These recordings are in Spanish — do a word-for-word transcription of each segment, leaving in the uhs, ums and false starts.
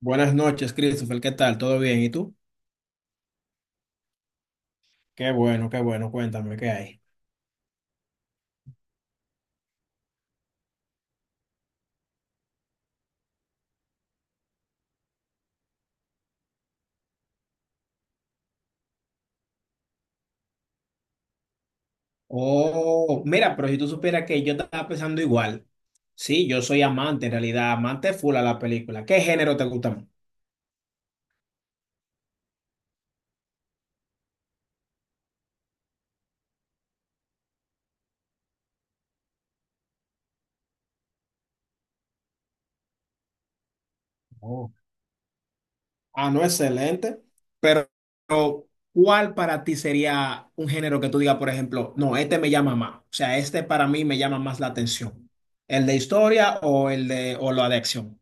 Buenas noches, Christopher. ¿Qué tal? ¿Todo bien? ¿Y tú? Qué bueno, qué bueno. Cuéntame, ¿qué hay? Oh, mira, pero si tú supieras que yo estaba pensando igual. Sí, yo soy amante, en realidad, amante full a la película. ¿Qué género te gusta más? Oh. Ah, no, excelente. Pero, pero, ¿cuál para ti sería un género que tú digas, por ejemplo, no, este me llama más? O sea, este para mí me llama más la atención. ¿El de historia o el de o la de acción?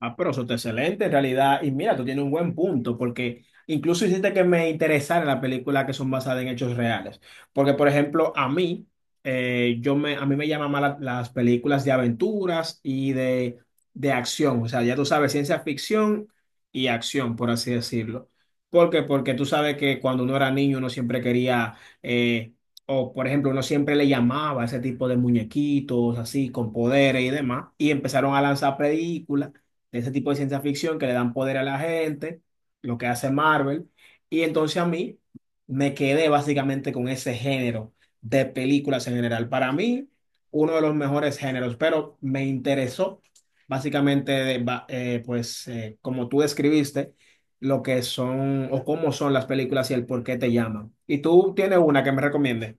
Ah, pero eso está excelente en realidad. Y mira, tú tienes un buen punto, porque incluso hiciste que me interesara las películas que son basadas en hechos reales. Porque, por ejemplo, a mí, eh, yo me, a mí me llaman más la- las películas de aventuras y de, de acción. O sea, ya tú sabes, ciencia ficción y acción, por así decirlo. ¿Por qué? Porque tú sabes que cuando uno era niño, uno siempre quería, eh, o por ejemplo, uno siempre le llamaba a ese tipo de muñequitos así, con poderes y demás, y empezaron a lanzar películas ese tipo de ciencia ficción que le dan poder a la gente, lo que hace Marvel. Y entonces a mí me quedé básicamente con ese género de películas en general. Para mí, uno de los mejores géneros, pero me interesó básicamente, de ba- eh, pues eh, como tú describiste, lo que son o cómo son las películas y el por qué te llaman. ¿Y tú tienes una que me recomiendes?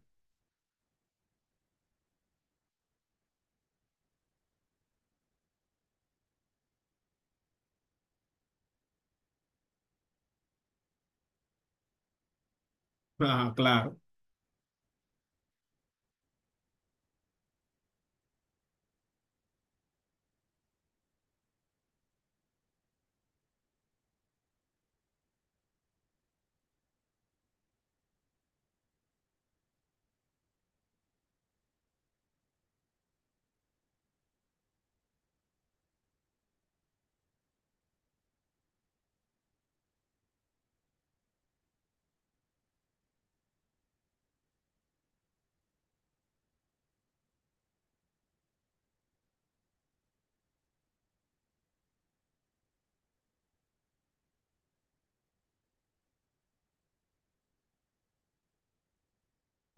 Ah, claro.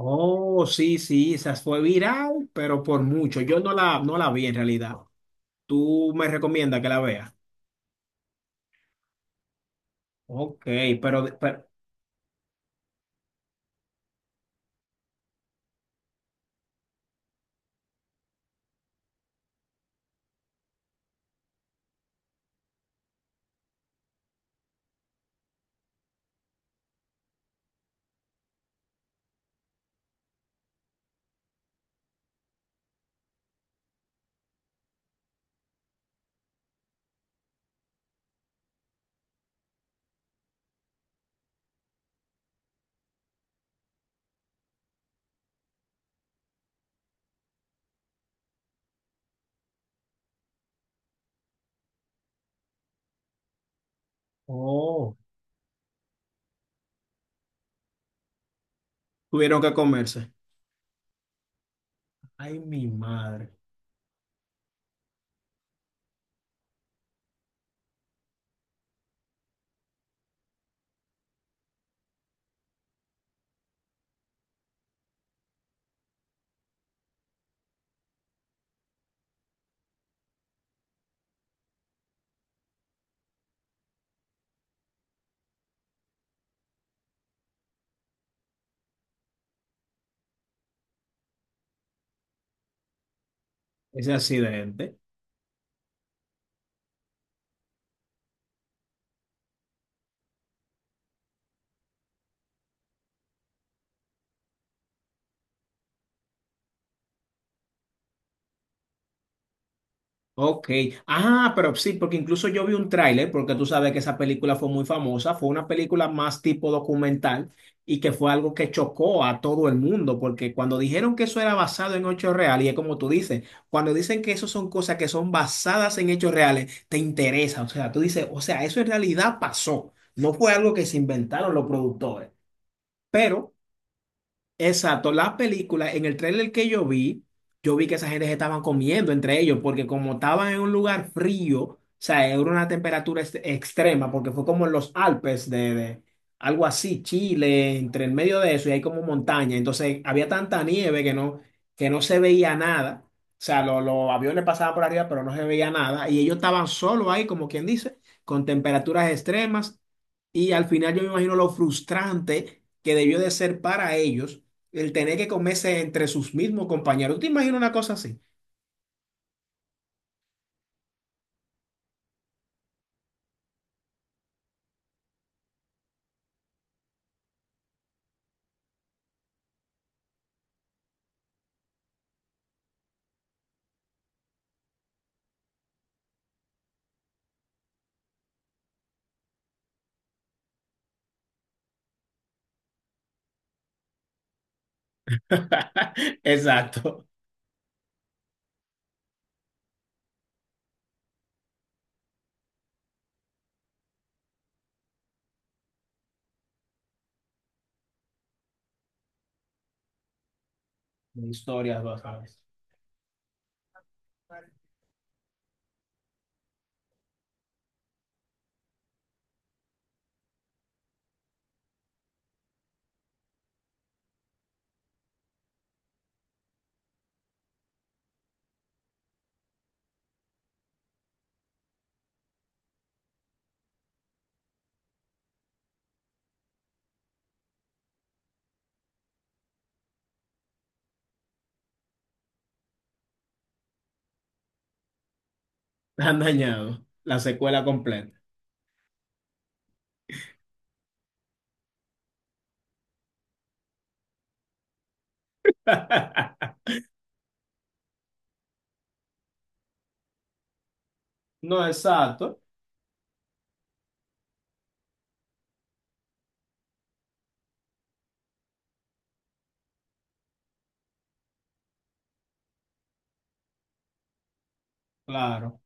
Oh, sí, sí, esa fue viral, pero por mucho. Yo no la, no la vi en realidad. Tú me recomiendas que la vea. Ok, pero, de- pero- oh, tuvieron que comerse. Ay, mi madre, ese accidente. Ok. Ah, pero sí, porque incluso yo vi un tráiler, porque tú sabes que esa película fue muy famosa, fue una película más tipo documental y que fue algo que chocó a todo el mundo, porque cuando dijeron que eso era basado en hechos reales, y es como tú dices, cuando dicen que eso son cosas que son basadas en hechos reales, te interesa, o sea, tú dices, o sea, eso en realidad pasó, no fue algo que se inventaron los productores. Pero exacto, la película, en el tráiler que yo vi, yo vi que esa gente se estaban comiendo entre ellos, porque como estaban en un lugar frío, o sea, era una temperatura ex- extrema, porque fue como en los Alpes de, de algo así, Chile, entre el medio de eso, y hay como montaña, entonces había tanta nieve que no, que no se veía nada, o sea, lo- los aviones pasaban por arriba, pero no se veía nada, y ellos estaban solos ahí, como quien dice, con temperaturas extremas, y al final yo me imagino lo frustrante que debió de ser para ellos el tener que comerse entre sus mismos compañeros. ¿Tú te imaginas una cosa así? Exacto. De historias basadas. Han dañado la secuela completa. No, exacto, claro.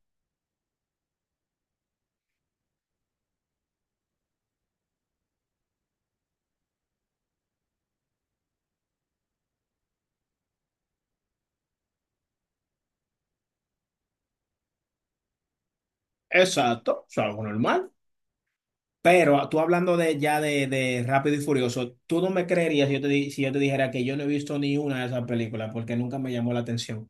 Exacto, es algo normal. Pero tú hablando de ya de, de Rápido y Furioso, tú no me creerías si yo te, di- si yo te dijera que yo no he visto ni una de esas películas porque nunca me llamó la atención.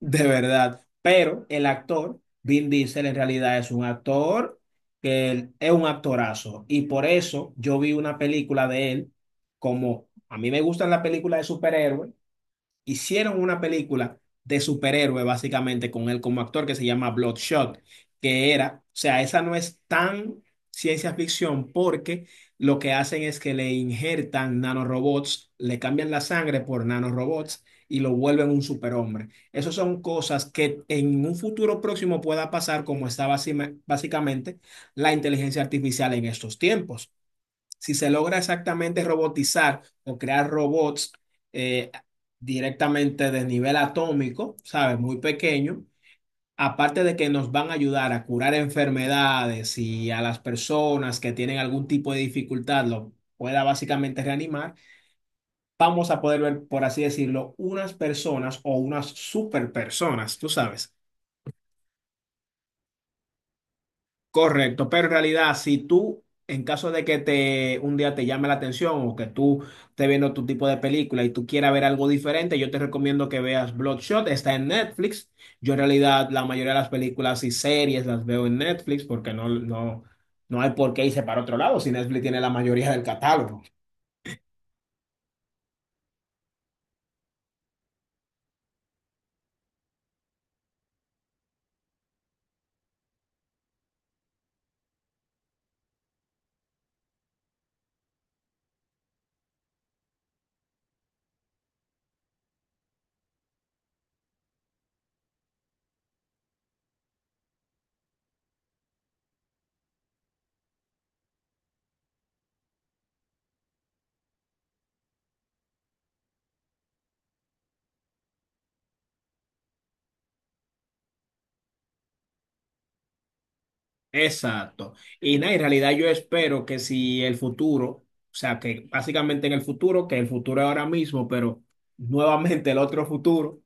De verdad. Pero el actor, Vin Diesel, en realidad es un actor que él- es un actorazo. Y por eso yo vi una película de él, como a mí me gustan las películas de superhéroes, hicieron una película de superhéroe, básicamente, con él como actor que se llama Bloodshot, que era, o sea, esa no es tan ciencia ficción porque lo que hacen es que le injertan nanorobots, le cambian la sangre por nanorobots y lo vuelven un superhombre. Esas son cosas que en un futuro próximo pueda pasar como está básima- básicamente la inteligencia artificial en estos tiempos si se logra exactamente robotizar o crear robots eh, directamente de nivel atómico, ¿sabes? Muy pequeño, aparte de que nos van a ayudar a curar enfermedades y a las personas que tienen algún tipo de dificultad lo pueda básicamente reanimar, vamos a poder ver, por así decirlo, unas personas o unas super personas, tú sabes. Correcto, pero en realidad, si tú, en caso de que te un día te llame la atención o que tú estés viendo tu tipo de película y tú quieras ver algo diferente, yo te recomiendo que veas Bloodshot, está en Netflix. Yo en realidad la mayoría de las películas y series las veo en Netflix porque no, no, no hay por qué irse para otro lado si Netflix tiene la mayoría del catálogo. Exacto. Y nada, en realidad yo espero que si el futuro, o sea, que básicamente en el futuro, que el futuro es ahora mismo, pero nuevamente el otro futuro.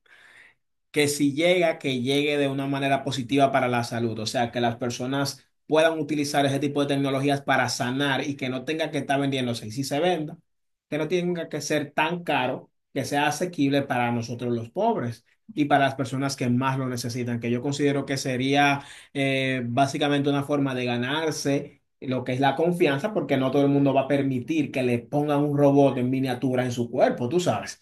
Que si llega, que llegue de una manera positiva para la salud, o sea, que las personas puedan utilizar ese tipo de tecnologías para sanar y que no tenga que estar vendiéndose. Y si se venda, que no tenga que ser tan caro, que sea asequible para nosotros los pobres y para las personas que más lo necesitan, que yo considero que sería eh, básicamente una forma de ganarse lo que es la confianza, porque no todo el mundo va a permitir que le pongan un robot en miniatura en su cuerpo, tú sabes.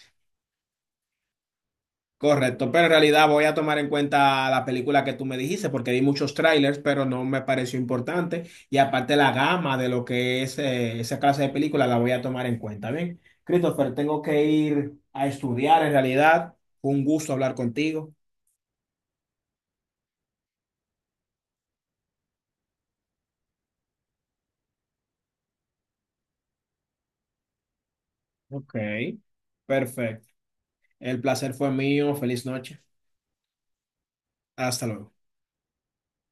Correcto, pero en realidad voy a tomar en cuenta la película que tú me dijiste porque vi muchos trailers, pero no me pareció importante. Y aparte la gama de lo que es eh, esa clase de película la voy a tomar en cuenta. Bien, Christopher, tengo que ir a estudiar en realidad. Fue un gusto hablar contigo. Ok, perfecto. El placer fue mío. Feliz noche. Hasta luego.